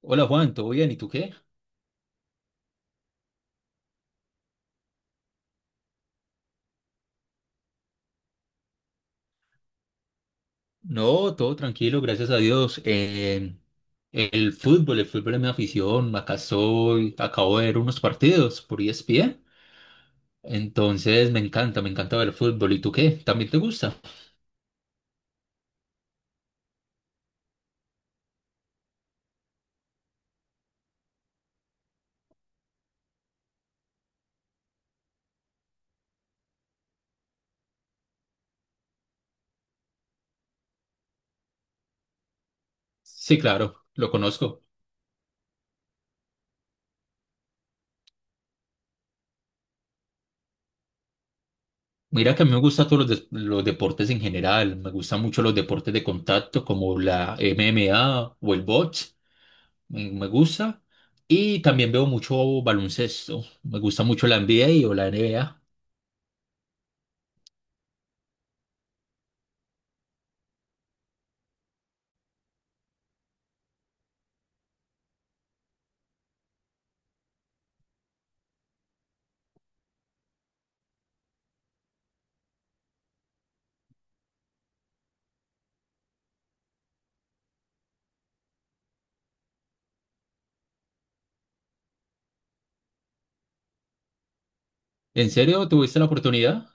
Hola Juan, ¿todo bien? ¿Y tú qué? No, todo tranquilo, gracias a Dios. El fútbol, el fútbol es mi afición. Acá estoy, acabo de ver unos partidos por ESPN. Entonces me encanta ver el fútbol. ¿Y tú qué? ¿También te gusta? Sí, claro, lo conozco. Mira que a mí me gustan los deportes en general. Me gustan mucho los deportes de contacto como la MMA o el box. Me gusta. Y también veo mucho baloncesto. Me gusta mucho la NBA o la NBA. ¿En serio tuviste la oportunidad?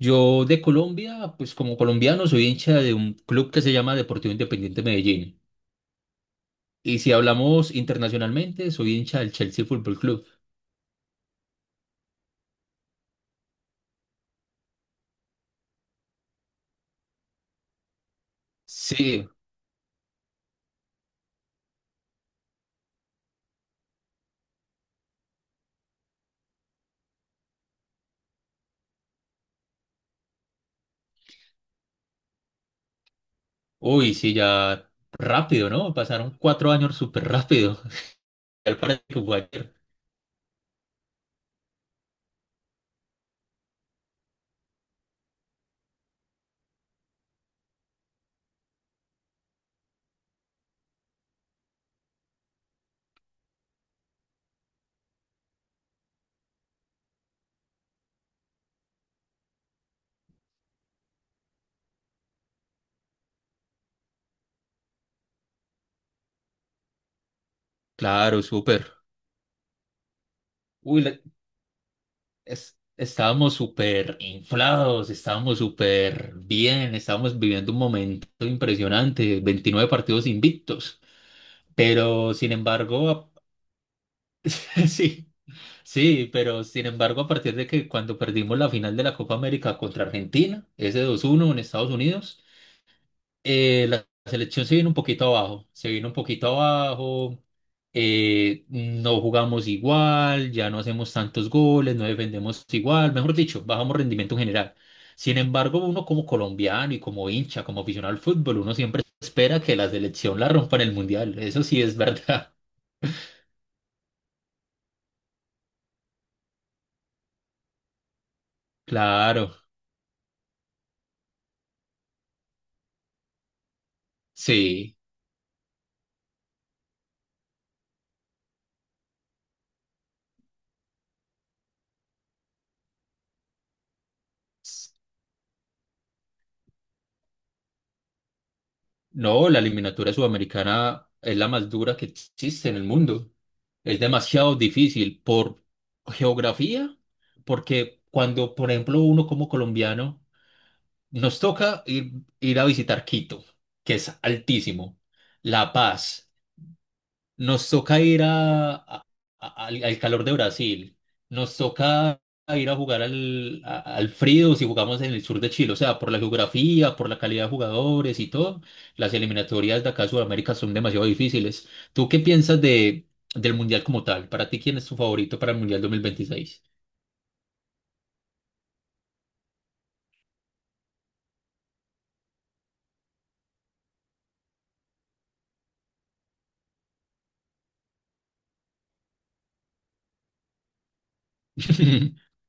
Yo de Colombia, pues como colombiano soy hincha de un club que se llama Deportivo Independiente Medellín. Y si hablamos internacionalmente, soy hincha del Chelsea Fútbol Club. Sí, uy, sí, ya rápido, ¿no? Pasaron cuatro años súper rápido. Al parecer que fue ayer. Claro, súper. Uy, la- Estábamos súper inflados, estábamos súper bien, estábamos viviendo un momento impresionante, 29 partidos invictos. Pero sin embargo, sí, sí, pero sin embargo, a partir de que cuando perdimos la final de la Copa América contra Argentina, ese dos uno en Estados Unidos, la selección se vino un poquito abajo, se vino un poquito abajo, no jugamos igual, ya no hacemos tantos goles, no defendemos igual, mejor dicho, bajamos rendimiento en general. Sin embargo, uno como colombiano y como hincha, como aficionado al fútbol, uno siempre espera que la selección la rompa en el mundial, eso sí es verdad, claro, sí. No, la eliminatoria sudamericana es la más dura que existe en el mundo. Es demasiado difícil por geografía, porque cuando, por ejemplo, uno como colombiano, nos toca ir a visitar Quito, que es altísimo, La Paz, nos toca ir al calor de Brasil. Nos toca ir a jugar al frío si jugamos en el sur de Chile. O sea, por la geografía, por la calidad de jugadores y todo, las eliminatorias de acá a Sudamérica son demasiado difíciles. ¿Tú qué piensas del Mundial como tal? ¿Para ti quién es tu favorito para el Mundial 2026?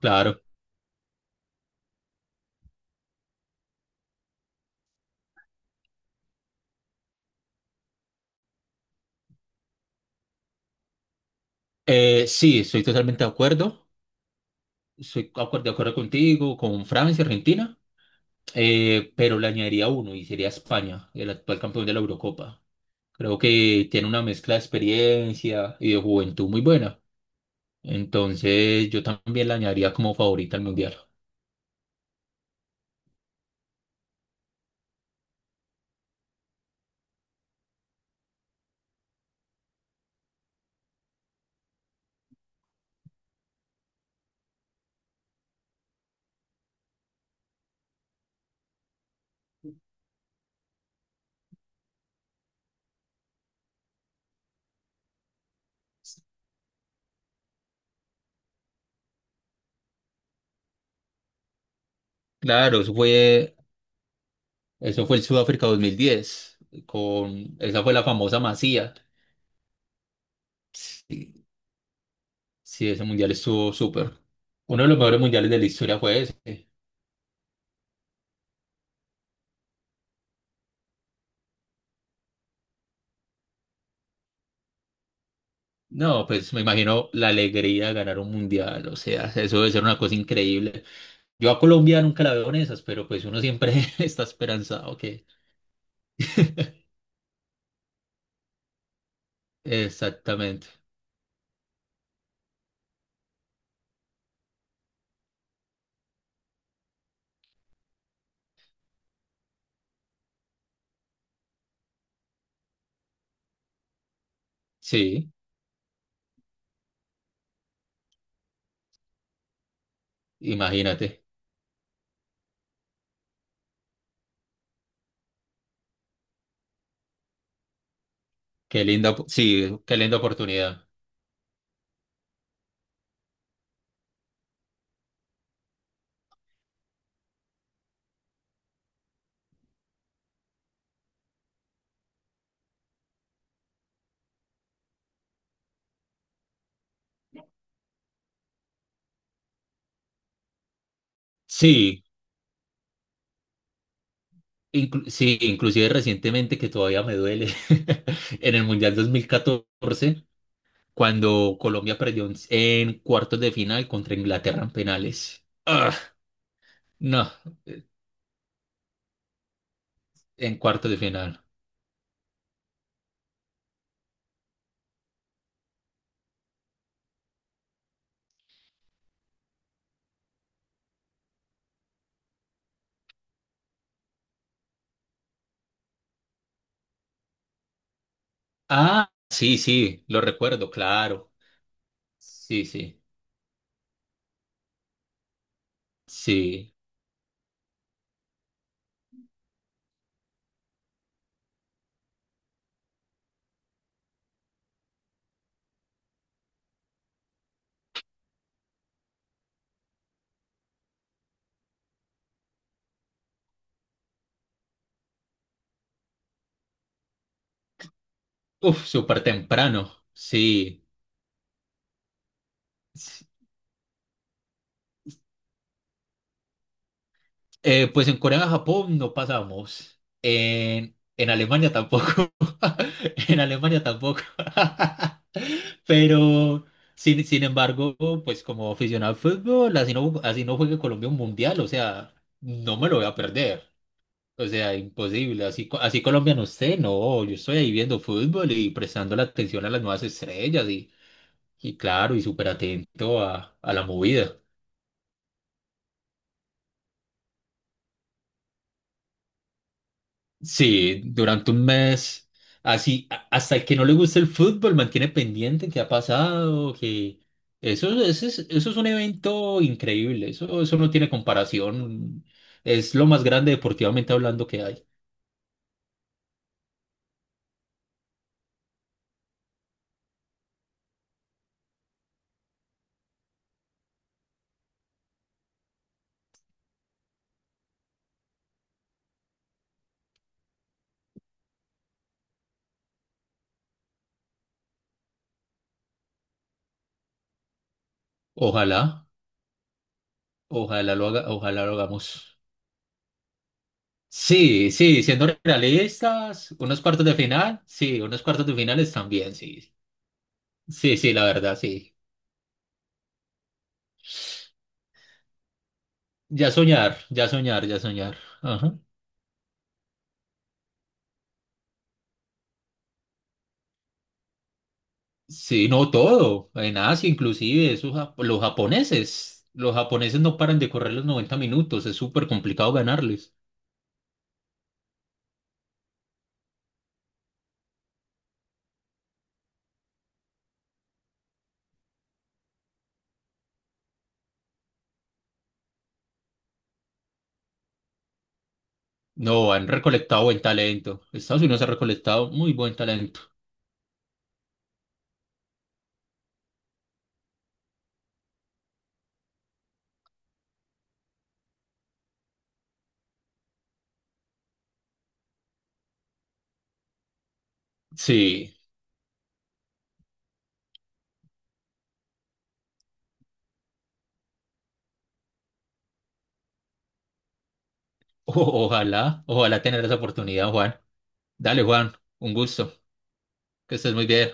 Claro. Sí, estoy totalmente de acuerdo. Estoy de acuerdo contigo, con Francia, Argentina. Pero le añadiría uno y sería España, el actual campeón de la Eurocopa. Creo que tiene una mezcla de experiencia y de juventud muy buena. Entonces yo también la añadiría como favorita al Mundial. Claro, eso fue el Sudáfrica 2010, con, esa fue la famosa Masía. Sí, sí, ese Mundial estuvo súper. Uno de los mejores mundiales de la historia fue ese. No, pues me imagino la alegría de ganar un mundial, o sea, eso debe ser una cosa increíble. Yo a Colombia nunca la veo en esas, pero pues uno siempre está esperanzado que... Exactamente. Sí, imagínate. Sí, qué linda oportunidad. Sí, sí, inclusive recientemente que todavía me duele, en el Mundial 2014 cuando Colombia perdió en cuartos de final contra Inglaterra en penales. Ah, no, eh, en cuartos de final. Ah, sí, sí, lo recuerdo, claro. Sí, sí, sí. Uf, súper temprano, sí. S- pues en Corea, Japón no pasamos. En Alemania tampoco. En Alemania tampoco. Pero, sin embargo, pues como aficionado al fútbol, así no juegue Colombia un mundial, o sea, no me lo voy a perder. O sea, imposible. Así, así Colombia no esté, no. Yo estoy ahí viendo fútbol y prestando la atención a las nuevas estrellas y claro, y súper atento a la movida. Sí, durante un mes, hasta el que no le gusta el fútbol, mantiene pendiente qué ha pasado, que eso es un evento increíble, eso no tiene comparación, es lo más grande deportivamente hablando que hay. Ojalá, ojalá lo haga, ojalá lo hagamos. Sí, sí, siendo realistas, unos cuartos de final, sí, unos cuartos de finales también, sí. Sí, sí, la verdad, sí. Ya soñar, ya soñar, ya soñar. Ajá. Sí, no todo, en Asia inclusive, los japoneses no paran de correr los 90 minutos, es súper complicado ganarles. No, han recolectado buen talento. Estados Unidos ha recolectado muy buen talento. Sí, o- ojalá, ojalá tener esa oportunidad, Juan. Dale, Juan, un gusto, que estés muy bien.